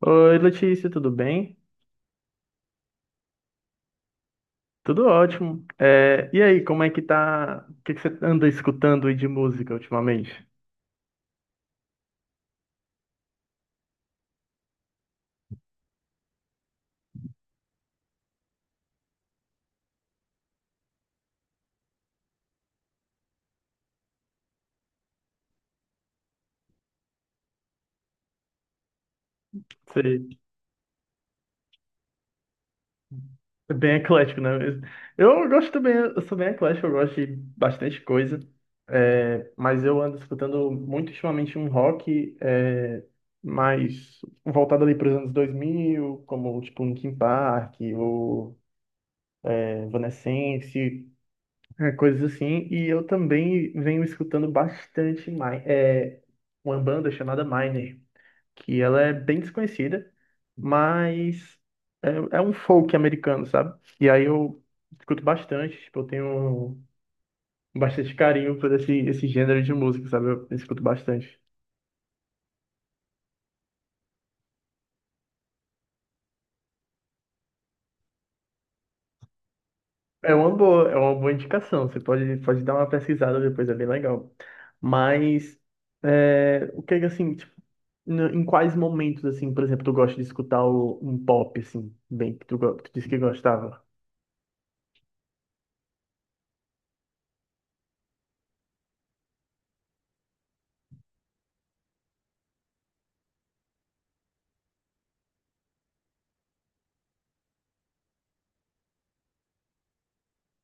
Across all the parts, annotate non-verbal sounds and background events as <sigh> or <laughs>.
Oi, Letícia, tudo bem? Tudo ótimo. E aí, como é que tá? O que você anda escutando aí de música ultimamente? Você é bem eclético, né? Eu gosto também, eu sou bem eclético, eu gosto de bastante coisa. Mas eu ando escutando muito ultimamente um rock mais voltado ali para os anos 2000, como tipo Linkin Park, Evanescence, é, coisas assim. E eu também venho escutando bastante é, uma banda chamada Miner, que ela é bem desconhecida, mas é, é um folk americano, sabe? E aí eu escuto bastante, tipo, eu tenho bastante carinho por esse, esse gênero de música, sabe? Eu escuto bastante. É uma boa indicação. Você pode, pode dar uma pesquisada depois, é bem legal. Mas é, o que é que, assim, tipo, em quais momentos assim, por exemplo, tu gosta de escutar um pop assim, bem que tu, que tu disse que gostava?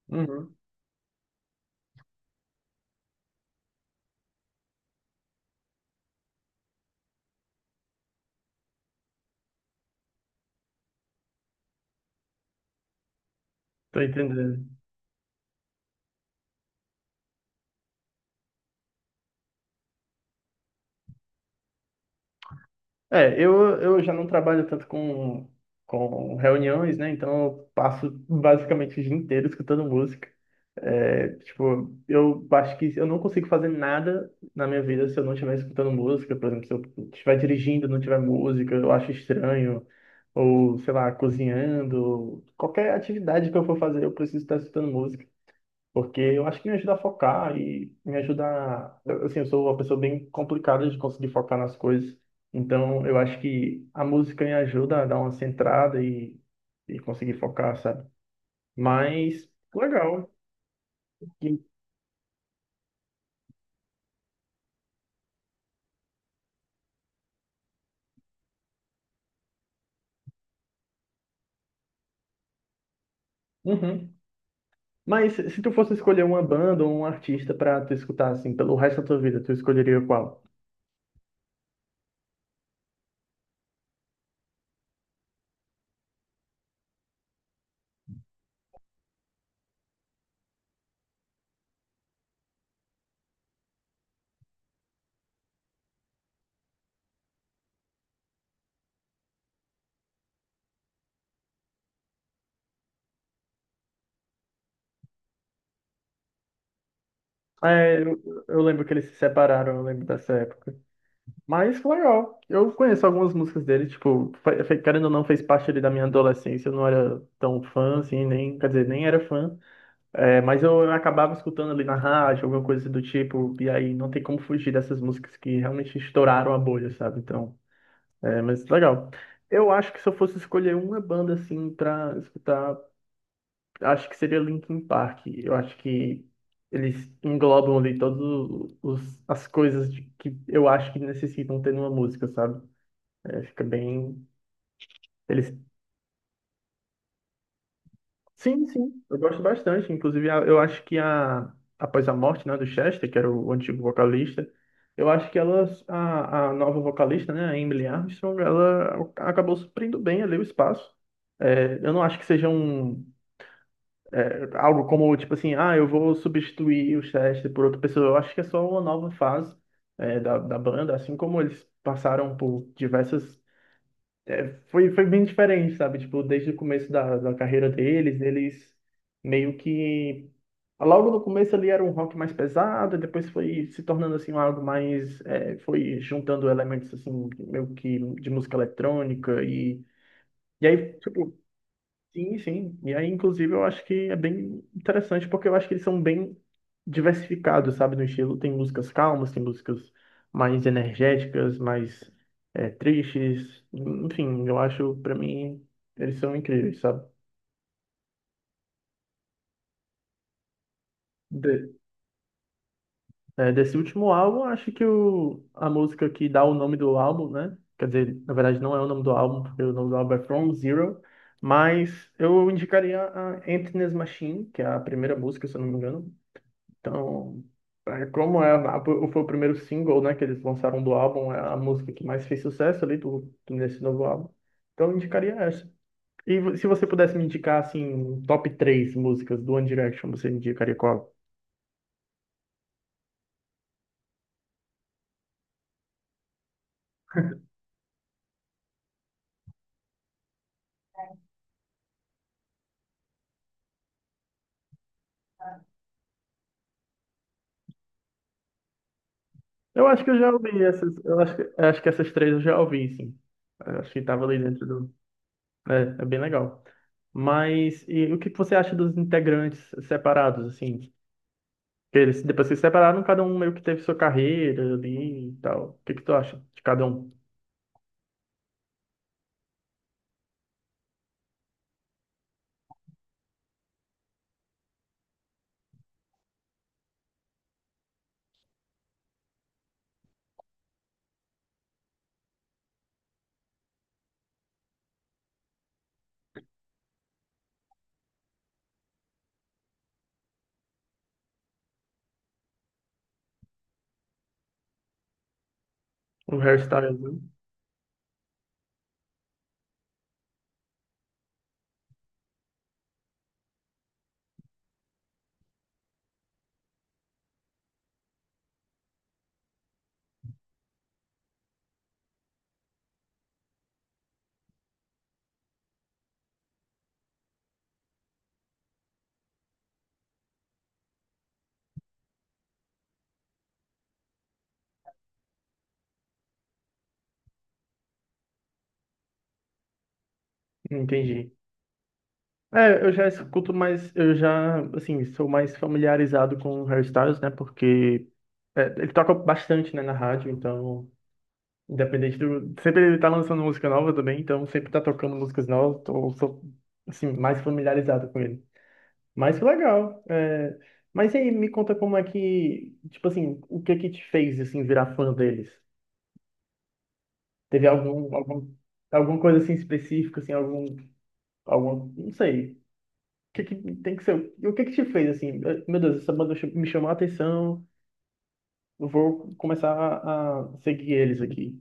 Uhum. Tô entendendo. É, eu já não trabalho tanto com reuniões, né? Então eu passo basicamente o dia inteiro escutando música. É, tipo, eu acho que eu não consigo fazer nada na minha vida se eu não estiver escutando música. Por exemplo, se eu estiver dirigindo e não tiver música, eu acho estranho. Ou, sei lá, cozinhando. Qualquer atividade que eu for fazer, eu preciso estar escutando música. Porque eu acho que me ajuda a focar e me ajuda a... Assim, eu sou uma pessoa bem complicada de conseguir focar nas coisas. Então, eu acho que a música me ajuda a dar uma centrada e conseguir focar, sabe? Mas, legal. E- Uhum. Mas se tu fosse escolher uma banda ou um artista pra tu escutar, assim, pelo resto da tua vida, tu escolheria qual? É, eu lembro que eles se separaram, eu lembro dessa época. Mas legal. Eu conheço algumas músicas dele, tipo, querendo ou não, fez parte ali da minha adolescência. Eu não era tão fã, assim, nem, quer dizer, nem era fã. É, mas eu acabava escutando ali na rádio, alguma coisa do tipo, e aí não tem como fugir dessas músicas que realmente estouraram a bolha, sabe? Então, é, mas legal. Eu acho que se eu fosse escolher uma banda, assim, pra escutar, acho que seria Linkin Park. Eu acho que eles englobam ali todas as que eu acho que necessitam ter numa música, sabe? É, fica bem. Eles... Sim, sim, eu gosto bastante. Inclusive, eu acho que a... após a morte, né, do Chester, que era o antigo vocalista, eu acho que a nova vocalista, né, a Emily Armstrong, ela acabou suprindo bem ali o espaço. É, eu não acho que seja um é, algo como, tipo assim, ah, eu vou substituir o Chester por outra pessoa. Eu acho que é só uma nova fase é, da banda, assim como eles passaram por diversas. Foi bem diferente, sabe? Tipo, desde o começo da carreira deles, eles meio que. Logo no começo ali era um rock mais pesado, depois foi se tornando assim algo mais. É, foi juntando elementos assim, meio que de música eletrônica. E aí, tipo, sim, sim. E aí, inclusive, eu acho que é bem interessante, porque eu acho que eles são bem diversificados, sabe, no estilo. Tem músicas calmas, tem músicas mais energéticas, mais é, tristes. Enfim, eu acho, pra mim, eles são incríveis, sabe? De- Desse último álbum, acho que a música que dá o nome do álbum, né? Quer dizer, na verdade, não é o nome do álbum, porque o nome do álbum é From Zero. Mas eu indicaria a Emptiness Machine, que é a primeira música, se eu não me engano. Então, é, como é, foi o primeiro single, né, que eles lançaram do álbum, é a música que mais fez sucesso ali do, nesse novo álbum. Então, eu indicaria essa. E se você pudesse me indicar, assim, um top três músicas do One Direction, você indicaria qual? Eu acho que eu já ouvi essas, eu acho que essas três eu já ouvi, sim. Eu acho que estava ali dentro do... É, é bem legal. Mas, e o que que você acha dos integrantes separados, assim? Eles depois se separaram, cada um meio que teve sua carreira ali e tal. O que que tu acha de cada um? O hairstyle, né? Entendi. É, eu já escuto mais, eu já, assim, sou mais familiarizado com o Harry Styles, né? Porque é, ele toca bastante, né, na rádio, então, independente do. Sempre ele tá lançando música nova também, então sempre tá tocando músicas novas, então eu sou, assim, mais familiarizado com ele. Mas que legal. É... Mas e aí, me conta como é que, tipo assim, o que que te fez, assim, virar fã deles? Teve algum, alguma coisa assim específica, assim, algum, não sei. O que que tem que ser? E o que que te fez assim? Meu Deus, essa me chamou a atenção. Eu vou começar a seguir eles aqui.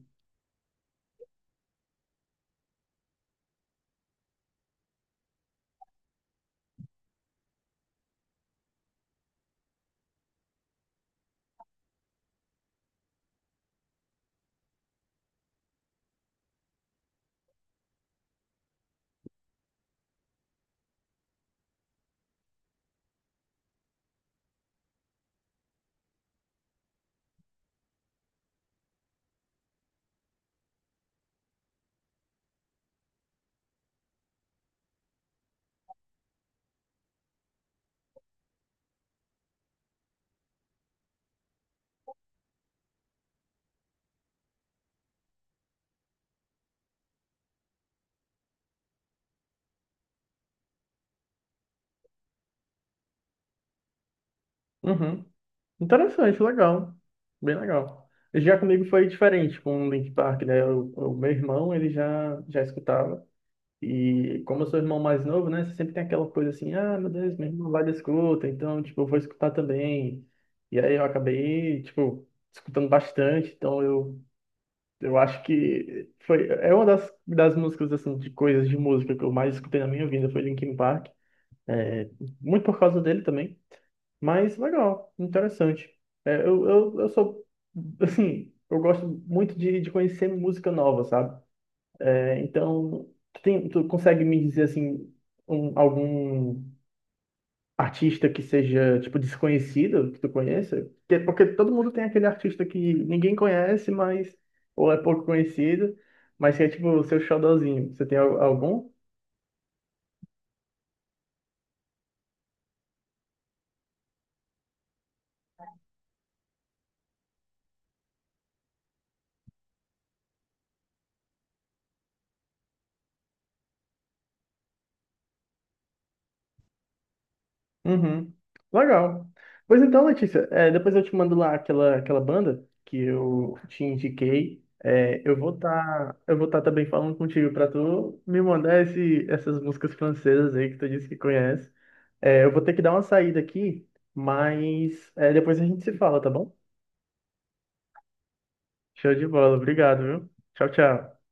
Uhum. Interessante, legal. Bem legal. Já comigo foi diferente com o Link Park, né? O meu irmão, ele já escutava. E como eu sou irmão mais novo, né? Você sempre tem aquela coisa assim, ah, meu Deus, meu irmão vai da escuta, então, tipo, eu vou escutar também. E aí eu acabei, tipo, escutando bastante, então eu acho que foi, é uma das músicas, assim, de coisas de música que eu mais escutei na minha vida, foi Linkin Park. É, muito por causa dele também, mas legal, interessante. É, eu sou, <laughs> assim, eu gosto muito de conhecer música nova, sabe? É, então, tu, tu consegue me dizer assim algum artista que seja tipo desconhecido que tu conheça? Que é porque todo mundo tem aquele artista que ninguém conhece, mas ou é pouco conhecido, mas que é tipo o seu xodózinho. Você tem algum? Uhum. Legal. Pois então, Letícia, é, depois eu te mando lá aquela banda que eu te indiquei. É, eu vou estar eu vou tá também falando contigo para tu me mandar essas músicas francesas aí que tu disse que conhece. É, eu vou ter que dar uma saída aqui, mas é, depois a gente se fala, tá bom? Show de bola, obrigado, viu? Tchau, tchau.